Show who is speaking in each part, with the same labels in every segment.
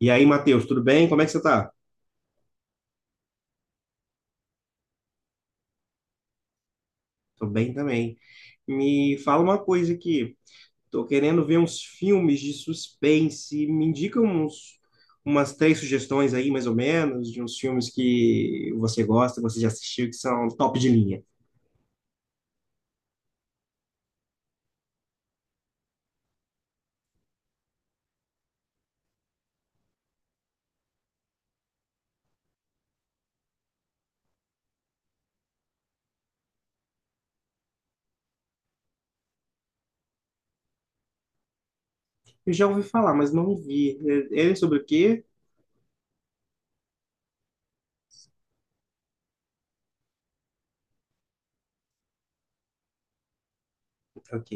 Speaker 1: E aí, Matheus, tudo bem? Como é que você tá? Tô bem também. Me fala uma coisa aqui. Tô querendo ver uns filmes de suspense. Me indica uns, umas três sugestões aí, mais ou menos, de uns filmes que você gosta, você já assistiu, que são top de linha. Eu já ouvi falar, mas não vi. Ele é sobre o quê? Ok.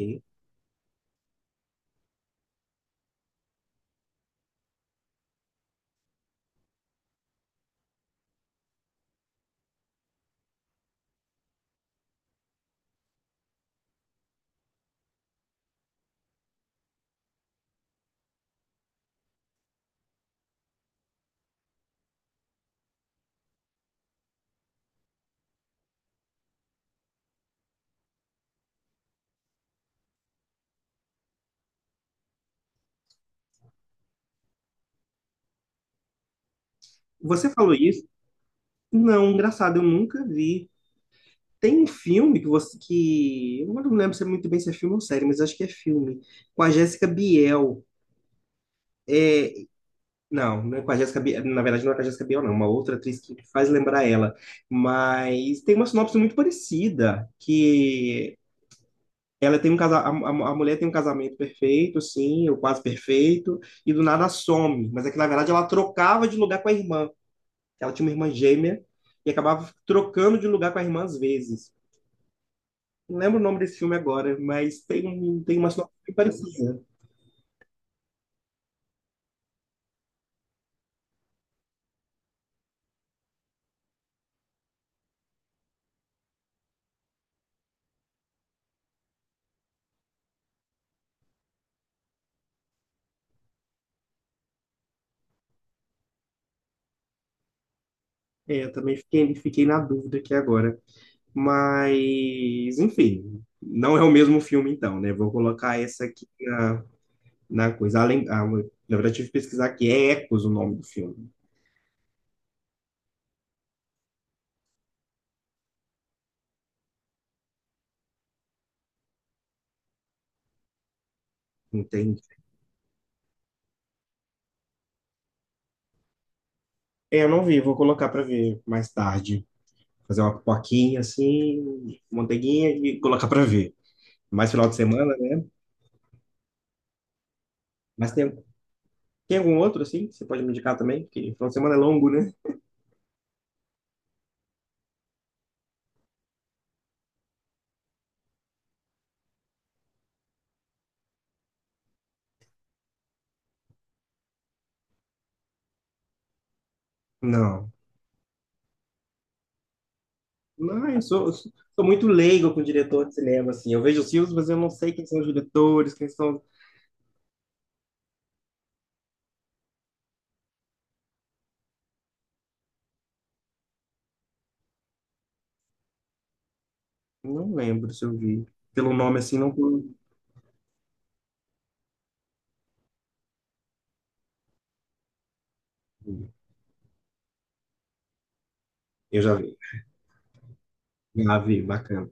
Speaker 1: Você falou isso? Não, engraçado, eu nunca vi. Tem um filme que você que eu não lembro se é muito bem se é filme ou série, mas acho que é filme, com a Jéssica Biel. É, não, não é com a Jéssica Biel, na verdade não é com a Jéssica Biel, não, é uma outra atriz que faz lembrar ela. Mas tem uma sinopse muito parecida, que ela tem um casa, a mulher tem um casamento perfeito, sim, ou quase perfeito, e do nada some. Mas é que na verdade ela trocava de lugar com a irmã. Ela tinha uma irmã gêmea e acabava trocando de lugar com a irmã às vezes. Não lembro o nome desse filme agora, mas tem, tem uma sinopse muito parecida. É, eu também fiquei na dúvida aqui agora. Mas, enfim, não é o mesmo filme, então, né? Vou colocar essa aqui na, na coisa. Além, ah, na verdade, tive que pesquisar aqui. É Ecos o nome do filme, entende? É, eu não vi, vou colocar para ver mais tarde. Fazer uma pipoquinha assim, manteiguinha e colocar para ver. Mais final de semana, né? Mas tem, tem algum outro assim que você pode me indicar também? Porque final de semana é longo, né? Não. Não, eu sou muito leigo com diretor de cinema, assim. Eu vejo os filmes, mas eu não sei quem são os diretores, quem são. Não lembro se eu vi. Pelo nome assim, não. Eu já vi. Já vi, bacana.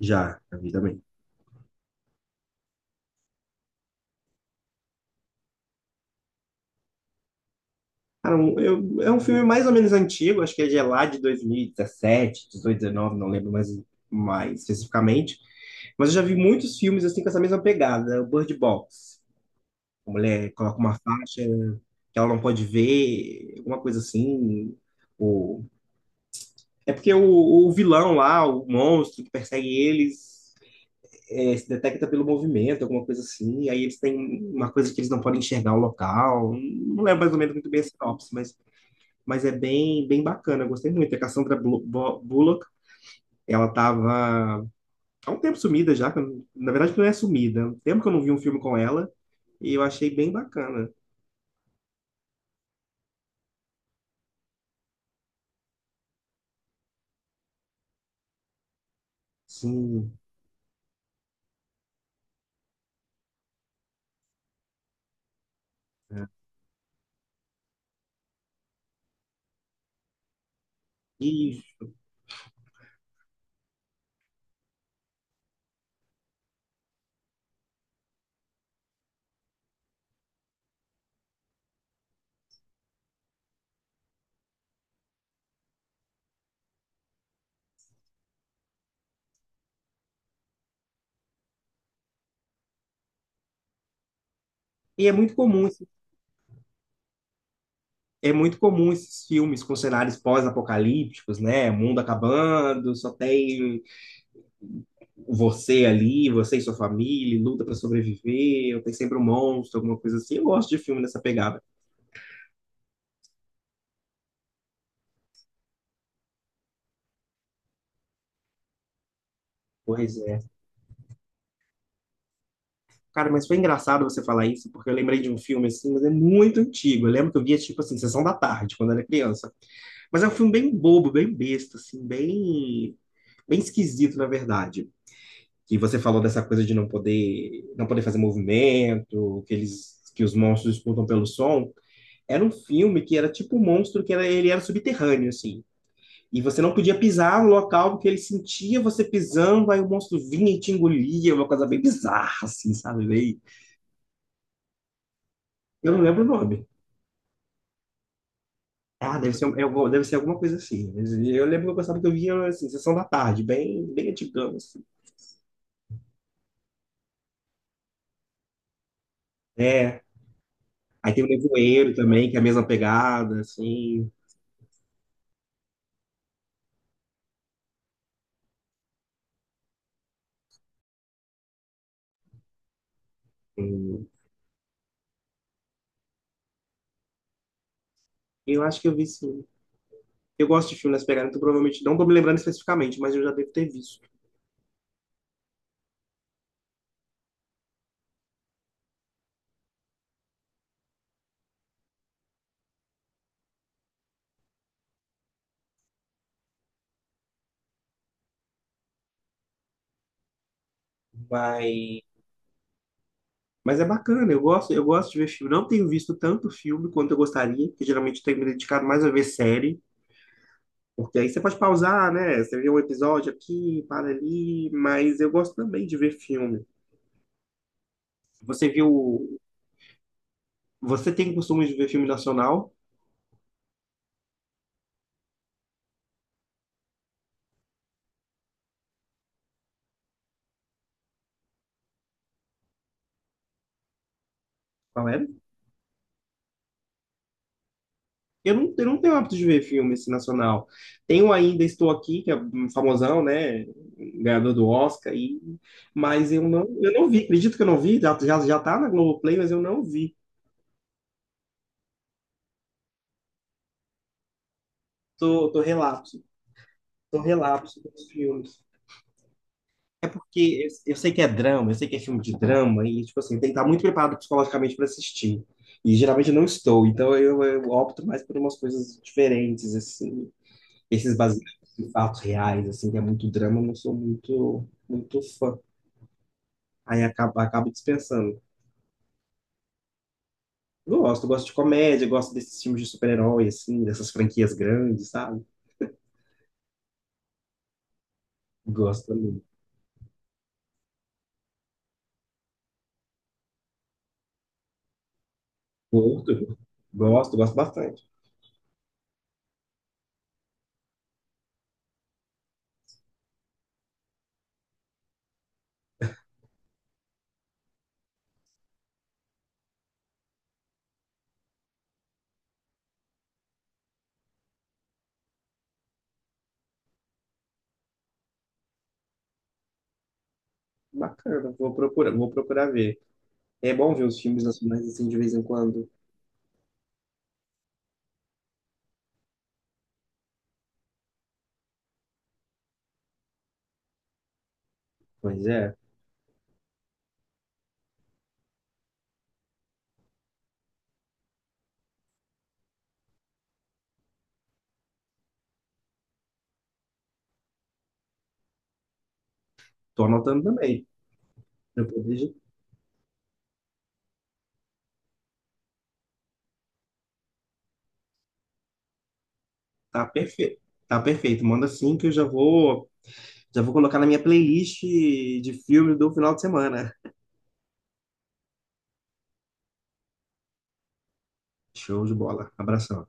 Speaker 1: Já, já vi também. Cara, é um filme mais ou menos antigo, acho que é de lá de 2017, 18, 19, não lembro mais, mais especificamente. Mas eu já vi muitos filmes assim com essa mesma pegada, né? O Bird Box. A mulher coloca uma faixa que ela não pode ver, alguma coisa assim. O É porque o vilão lá, o monstro que persegue eles, é, se detecta pelo movimento, alguma coisa assim, e aí eles têm uma coisa que eles não podem enxergar o local. Não lembro mais ou menos muito bem a sinopse, mas é bem, bem bacana, eu gostei muito. A Bullock, ela tava há um tempo sumida já, na verdade não é sumida, há um tempo que eu não vi um filme com ela, e eu achei bem bacana. Sim. É. E, e é muito comum, é muito comum esses filmes com cenários pós-apocalípticos, né? Mundo acabando, só tem você ali, você e sua família, luta pra sobreviver, ou tem sempre um monstro, alguma coisa assim. Eu gosto de filme nessa pegada. Pois é. Cara, mas foi engraçado você falar isso, porque eu lembrei de um filme assim, mas é muito antigo. Eu lembro que eu via, tipo assim, Sessão da Tarde, quando eu era criança. Mas é um filme bem bobo, bem besta, assim, bem, bem esquisito, na verdade. E você falou dessa coisa de não poder, não poder fazer movimento, que eles, que os monstros disputam pelo som. Era um filme que era tipo um monstro que era, ele era subterrâneo, assim. E você não podia pisar no local porque ele sentia você pisando, aí o monstro vinha e te engolia, uma coisa bem bizarra, assim, sabe? Bem. Eu não lembro o nome. Ah, deve ser, deve ser alguma coisa assim. Mas eu lembro que eu gostava que eu via, assim, Sessão da Tarde, bem, bem antigão, assim. É. Aí tem o Nevoeiro também, que é a mesma pegada, assim. Hum. Eu acho que eu vi sim. Eu gosto de filmes nessa pegada, então provavelmente não tô me lembrando especificamente, mas eu já devo ter visto. Mas Mas é bacana, eu gosto de ver filme. Não tenho visto tanto filme quanto eu gostaria, porque geralmente tenho me dedicado mais a ver série, porque aí você pode pausar, né? Você vê um episódio aqui, para ali, mas eu gosto também de ver filme. Você viu. Você tem costume de ver filme nacional? Qual é? Eu não tenho hábito de ver filme assim, nacional. Tenho ainda Estou Aqui, que é um famosão, né? Ganhador do Oscar, e... mas eu não vi. Acredito que eu não vi, já tá na Globoplay, mas eu não vi. Tô relapso. São relapsos dos filmes. É porque eu sei que é drama, eu sei que é filme de drama, e, tipo assim, tem que estar muito preparado psicologicamente para assistir. E geralmente eu não estou, então eu opto mais por umas coisas diferentes, assim. Esses baseados em fatos reais, assim, que é muito drama, eu não sou muito, muito fã. Acabo dispensando. Gosto, gosto de comédia, gosto desses filmes de super-herói, assim, dessas franquias grandes, sabe? Gosto também. Gosto, gosto, gosto bastante. Bacana, vou procurar ver. É bom ver os filmes nacionais assim de vez em quando. Pois é, tô anotando também. Meu poder tá perfeito. Tá perfeito. Manda assim que já vou colocar na minha playlist de filmes do final de semana. Show de bola. Abração.